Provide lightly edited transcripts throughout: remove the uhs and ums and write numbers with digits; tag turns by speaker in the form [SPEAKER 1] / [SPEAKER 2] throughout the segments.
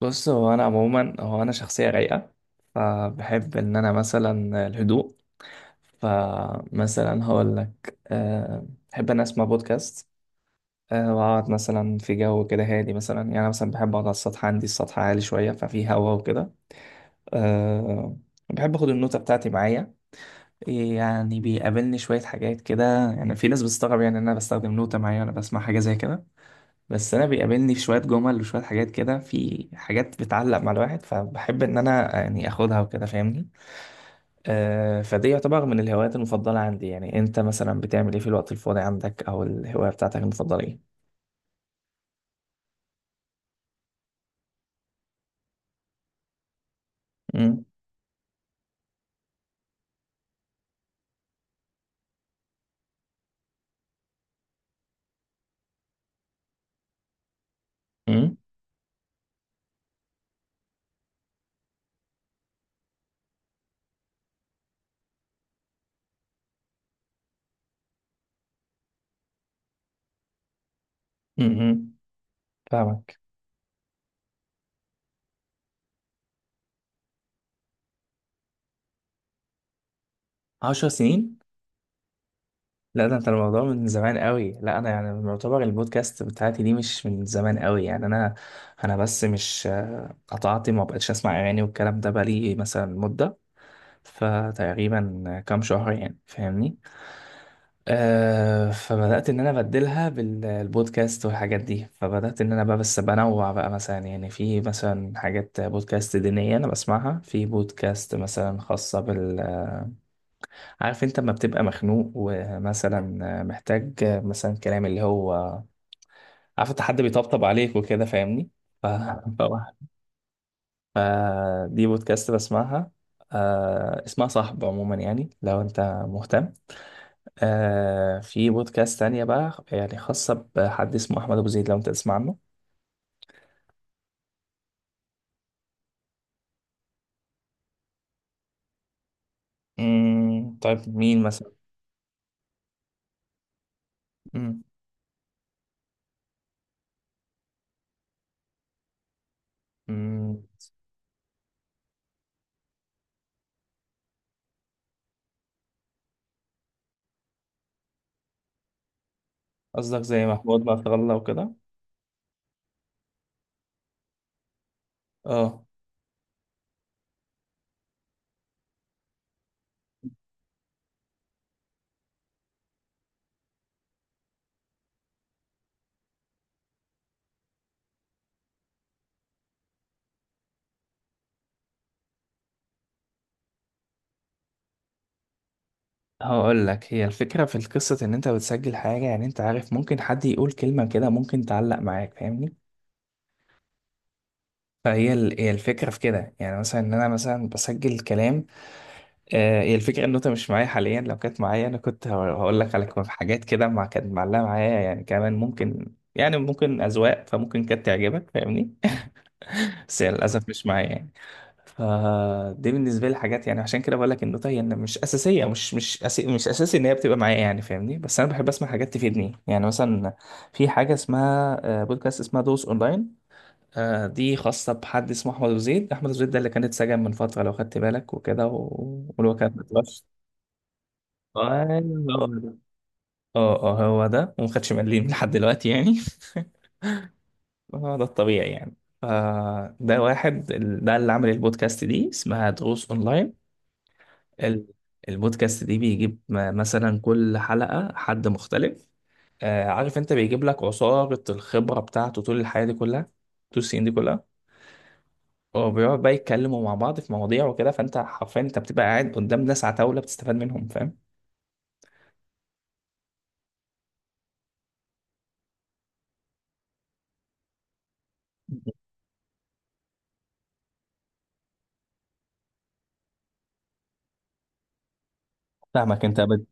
[SPEAKER 1] بص، هو انا عموما هو انا شخصيه رايقه، فبحب ان انا مثلا الهدوء. فمثلا هقول لك بحب ان اسمع بودكاست. واقعد مثلا في جو كده هادي، مثلا يعني انا مثلا بحب اقعد على السطح، عندي السطح عالي شويه ففي هوا وكده. أه بحب اخد النوتة بتاعتي معايا، يعني بيقابلني شويه حاجات كده. يعني في ناس بتستغرب يعني ان انا بستخدم نوتة معايا وانا بسمع حاجه زي كده، بس انا بيقابلني في شويه جمل وشويه حاجات كده، في حاجات بتعلق مع الواحد فبحب ان انا يعني اخدها وكده، فاهمني؟ فدي يعتبر من الهوايات المفضله عندي. يعني انت مثلا بتعمل ايه في الوقت الفاضي عندك؟ او الهوايه بتاعتك المفضله ايه؟ امم. امم. امم. فاهمك. 10 سنين؟ لا ده انت الموضوع من زمان قوي. لا انا يعني معتبر البودكاست بتاعتي دي مش من زمان قوي يعني انا بس مش قطعت، ما بقتش اسمع اغاني والكلام ده بقالي مثلا مده، فتقريبا كام شهر يعني، فاهمني؟ فبدأت إن أنا أبدلها بالبودكاست والحاجات دي، فبدأت إن أنا بقى بس بنوع بقى، مثلا يعني في مثلا حاجات بودكاست دينية أنا بسمعها، في بودكاست مثلا خاصة بال عارف أنت لما بتبقى مخنوق، ومثلا محتاج مثلا كلام اللي هو عارف أنت حد بيطبطب عليك وكده، فاهمني؟ ف... فواحد فدي بودكاست بسمعها، اسمها صاحب. عموما، يعني لو أنت مهتم، في بودكاست تانية بقى، يعني خاصة بحد اسمه أحمد أبو زيد، لو أنت تسمع عنه. مم. طيب مين مثلا؟ مم. مم. قصدك زي محمود ما الله وكده؟ اه. هقول لك، هي الفكرة في القصة إن أنت بتسجل حاجة، يعني أنت عارف ممكن حد يقول كلمة كده ممكن تعلق معاك، فاهمني؟ هي الفكرة في كده، يعني مثلا إن أنا مثلا بسجل كلام. هي الفكرة إن النوتة مش معايا حاليا، لو كانت معايا أنا كنت هقول لك على حاجات كده، مع كانت معلقة معايا يعني، كمان ممكن يعني ممكن أذواق فممكن كانت تعجبك، فاهمني؟ بس هي للأسف مش معايا يعني. فدي بالنسبة لي حاجات، يعني عشان كده بقول لك النوتة هي إن مش أساسية، مش أساسي إن هي بتبقى معايا يعني، فاهمني؟ بس أنا بحب أسمع حاجات تفيدني يعني. مثلا في حاجة اسمها بودكاست اسمها دوس أونلاين. دي خاصة بحد اسمه أحمد أبو زيد. أحمد أبو زيد ده اللي كان اتسجن من فترة لو خدت بالك وكده واللي هو كان. ايوه هو ده. اه اه هو ده، وما خدش مليم لحد دلوقتي يعني. هو ده الطبيعي يعني. ده واحد ده اللي عمل البودكاست دي اسمها دروس اونلاين. ال- البودكاست دي بيجيب مثلا كل حلقة حد مختلف. عارف انت، بيجيب لك عصارة الخبرة بتاعته طول الحياة دي كلها، طول السنين دي كلها. هو بيقعد بقى يتكلموا مع بعض في مواضيع وكده، فانت حرفيا انت بتبقى قاعد قدام ناس عتاولة بتستفاد منهم، فاهم؟ فاهمك. انت بت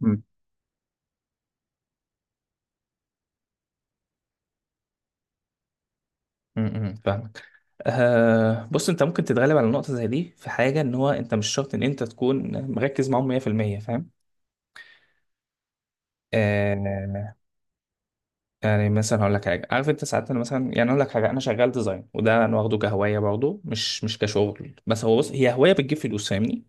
[SPEAKER 1] م- م- م، فاهمك. بص انت ممكن تتغلب على نقطة زي دي في حاجة، ان هو انت مش شرط ان انت تكون مركز معاهم 100%، فاهم؟ آه يعني مثلا هقول لك حاجة، عارف انت ساعات، انا مثلا يعني اقول لك حاجة، انا شغال ديزاين، وده انا واخده كهواية برضه، مش كشغل، بس هو بص هي هواية بتجيب فلوس، فاهمني؟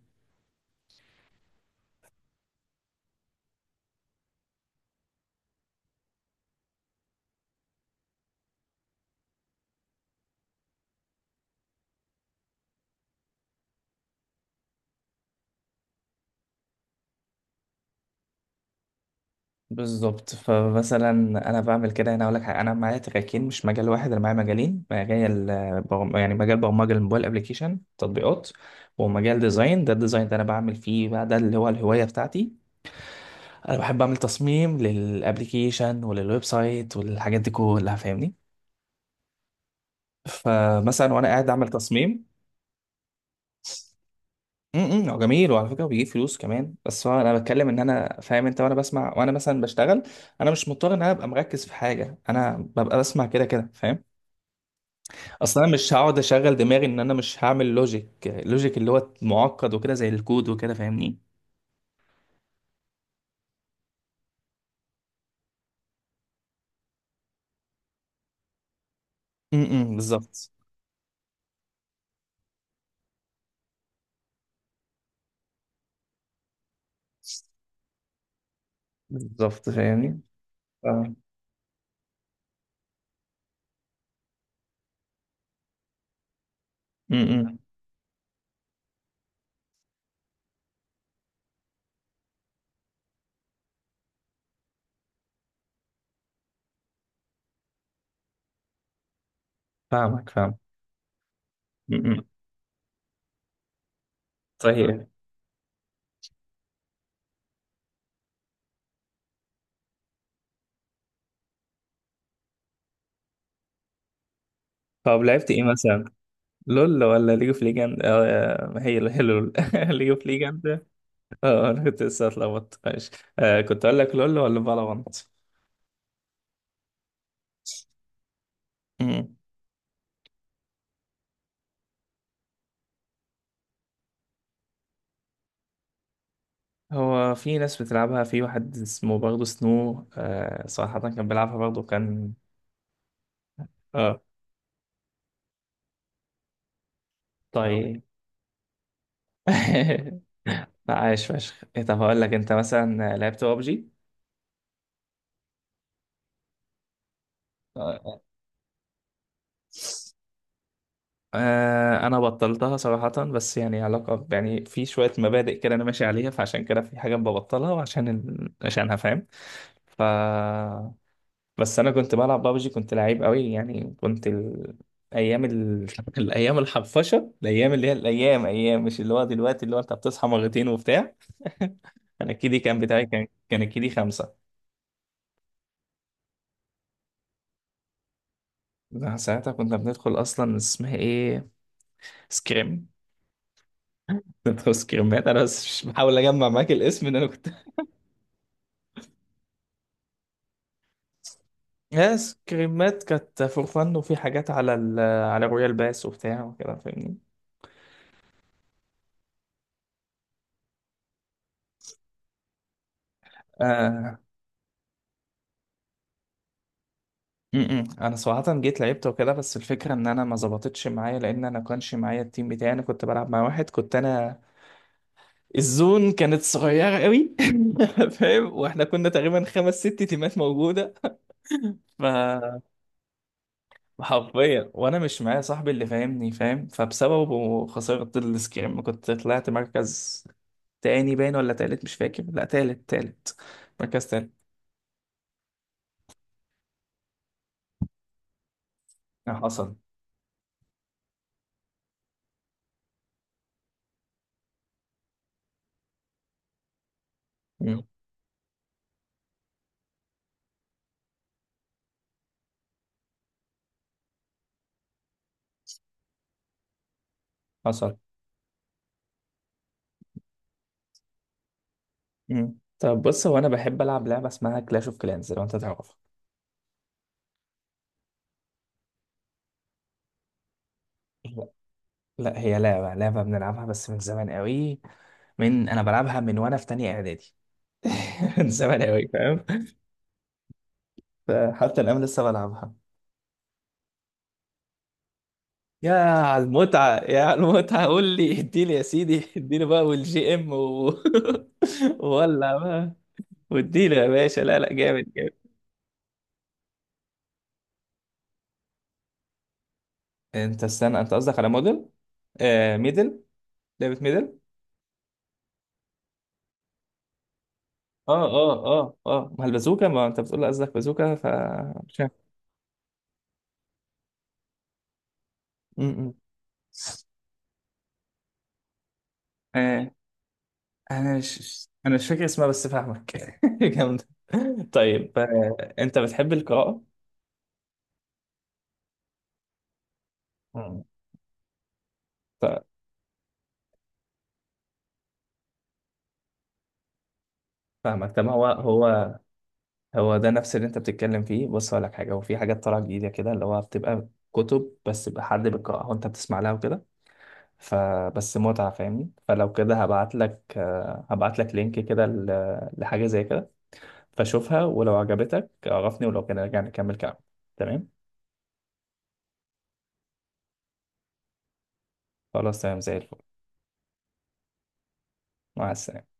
[SPEAKER 1] بالظبط. فمثلا انا بعمل كده. انا اقول لك حاجة، انا معايا تراكين مش مجال واحد، انا معايا مجالين، مجال يعني مجال برمجة الموبايل ابلكيشن تطبيقات، ومجال ديزاين. ده الديزاين ده انا بعمل فيه بقى، ده اللي هو الهواية بتاعتي. انا بحب اعمل تصميم للابليكيشن وللويب سايت وللحاجات دي كلها، فاهمني؟ فمثلا وانا قاعد اعمل تصميم. امم. هو جميل وعلى فكره بيجيب فلوس كمان، بس هو انا بتكلم ان انا فاهم انت، وانا بسمع وانا مثلا بشتغل، انا مش مضطر ان انا ابقى مركز في حاجه، انا ببقى بسمع كده كده، فاهم؟ اصلا انا مش هقعد اشغل دماغي ان انا مش هعمل لوجيك. لوجيك اللي هو معقد وكده زي الكود وكده، فاهمني؟ امم. بالظبط. بالظبط، فاهمني. ف- امم. فاهمك. فاهم. امم. صحيح. طب لعبت ايه مثلا؟ لول ولا ليج اوف ليجند؟ اه ما هي هي لول. ليج اوف ليجند. اه انا كنت لسه اتلخبطت، ماشي. كنت اقول لك لول ولا فالورانت. مم. هو في ناس بتلعبها، في واحد اسمه برضه سنو، صراحة كان بيلعبها برضه، كان. اه. طيب. لا عايش فشخ. إيه، طب هقول لك، انت مثلا لعبت ببجي؟ انا بطلتها صراحة، بس يعني علاقة يعني في شوية مبادئ كده انا ماشي عليها، فعشان كده في حاجات ببطلها وعشان عشانها، فاهم؟ ف، بس انا كنت بلعب بابجي كنت لعيب قوي يعني. كنت ايام الايام الحفشة، الايام اللي هي الايام، ايام مش اللي هو دلوقتي، اللي هو انت بتصحى مرتين وبتاع. انا الكيدي كان بتاعي، كان الكيدي 5. ده ساعتها كنا بندخل، اصلا اسمها ايه، سكريم. ندخل سكريمات. انا بس مش بحاول اجمع معاك الاسم، ان انا كنت، ناس كريمات كانت فور فن، وفي حاجات على ال على رويال باس وبتاع وكده، فاهمني؟ آه. م-م. انا صراحة جيت لعبت وكده، بس الفكرة ان انا ما ظبطتش معايا، لان انا كانش معايا التيم بتاعي، انا كنت بلعب مع واحد كنت انا، الزون كانت صغيرة قوي. فاهم، واحنا كنا تقريبا خمس ست تيمات موجودة. ف حرفيا، وانا مش معايا صاحبي اللي فاهمني، فاهم؟ فبسببه خسرت السكريم، كنت طلعت مركز تاني، باين ولا تالت، مش فاكر، لا تالت، تالت، مركز تالت. حصل. مم. حصل. مم. طب بص، هو انا بحب العب لعبه اسمها كلاش اوف كلانز، لو انت تعرفها. لا. لا هي لعبه، لعبه بنلعبها بس من زمان قوي، من انا بلعبها من وانا في تانية اعدادي. من زمان قوي، فاهم؟ فحتى الان لسه بلعبها. يا على المتعة، يا على المتعة، قول لي اديني يا سيدي، اديني بقى والجي ام و... ولا بقى، واديله يا باشا، لا لا جامد جامد. انت استنى، انت قصدك على موديل؟ ميدل، لعبة ميدل. اه اه اه اه، ما البازوكا، ما انت بتقول قصدك بازوكا، ف مش عارف. م- م. آه انا مش فاكر اسمها بس فاهمك. جامدة. طيب، انت بتحب القراءة؟ مم. ف- فاهمك. طب هو، هو هو ده نفس اللي انت بتتكلم فيه. بص هقول لك حاجه، هو في حاجات طالعه جديده كده اللي هو بتبقى كتب، بس بقى حد بيقراها وانت بتسمع لها وكده، فبس متعه، فاهمني؟ فلو كده هبعت لك لينك كده لحاجه زي كده، فشوفها ولو عجبتك عرفني، ولو كده نرجع نكمل كلام، تمام؟ خلاص، تمام زي الفل. مع السلامه.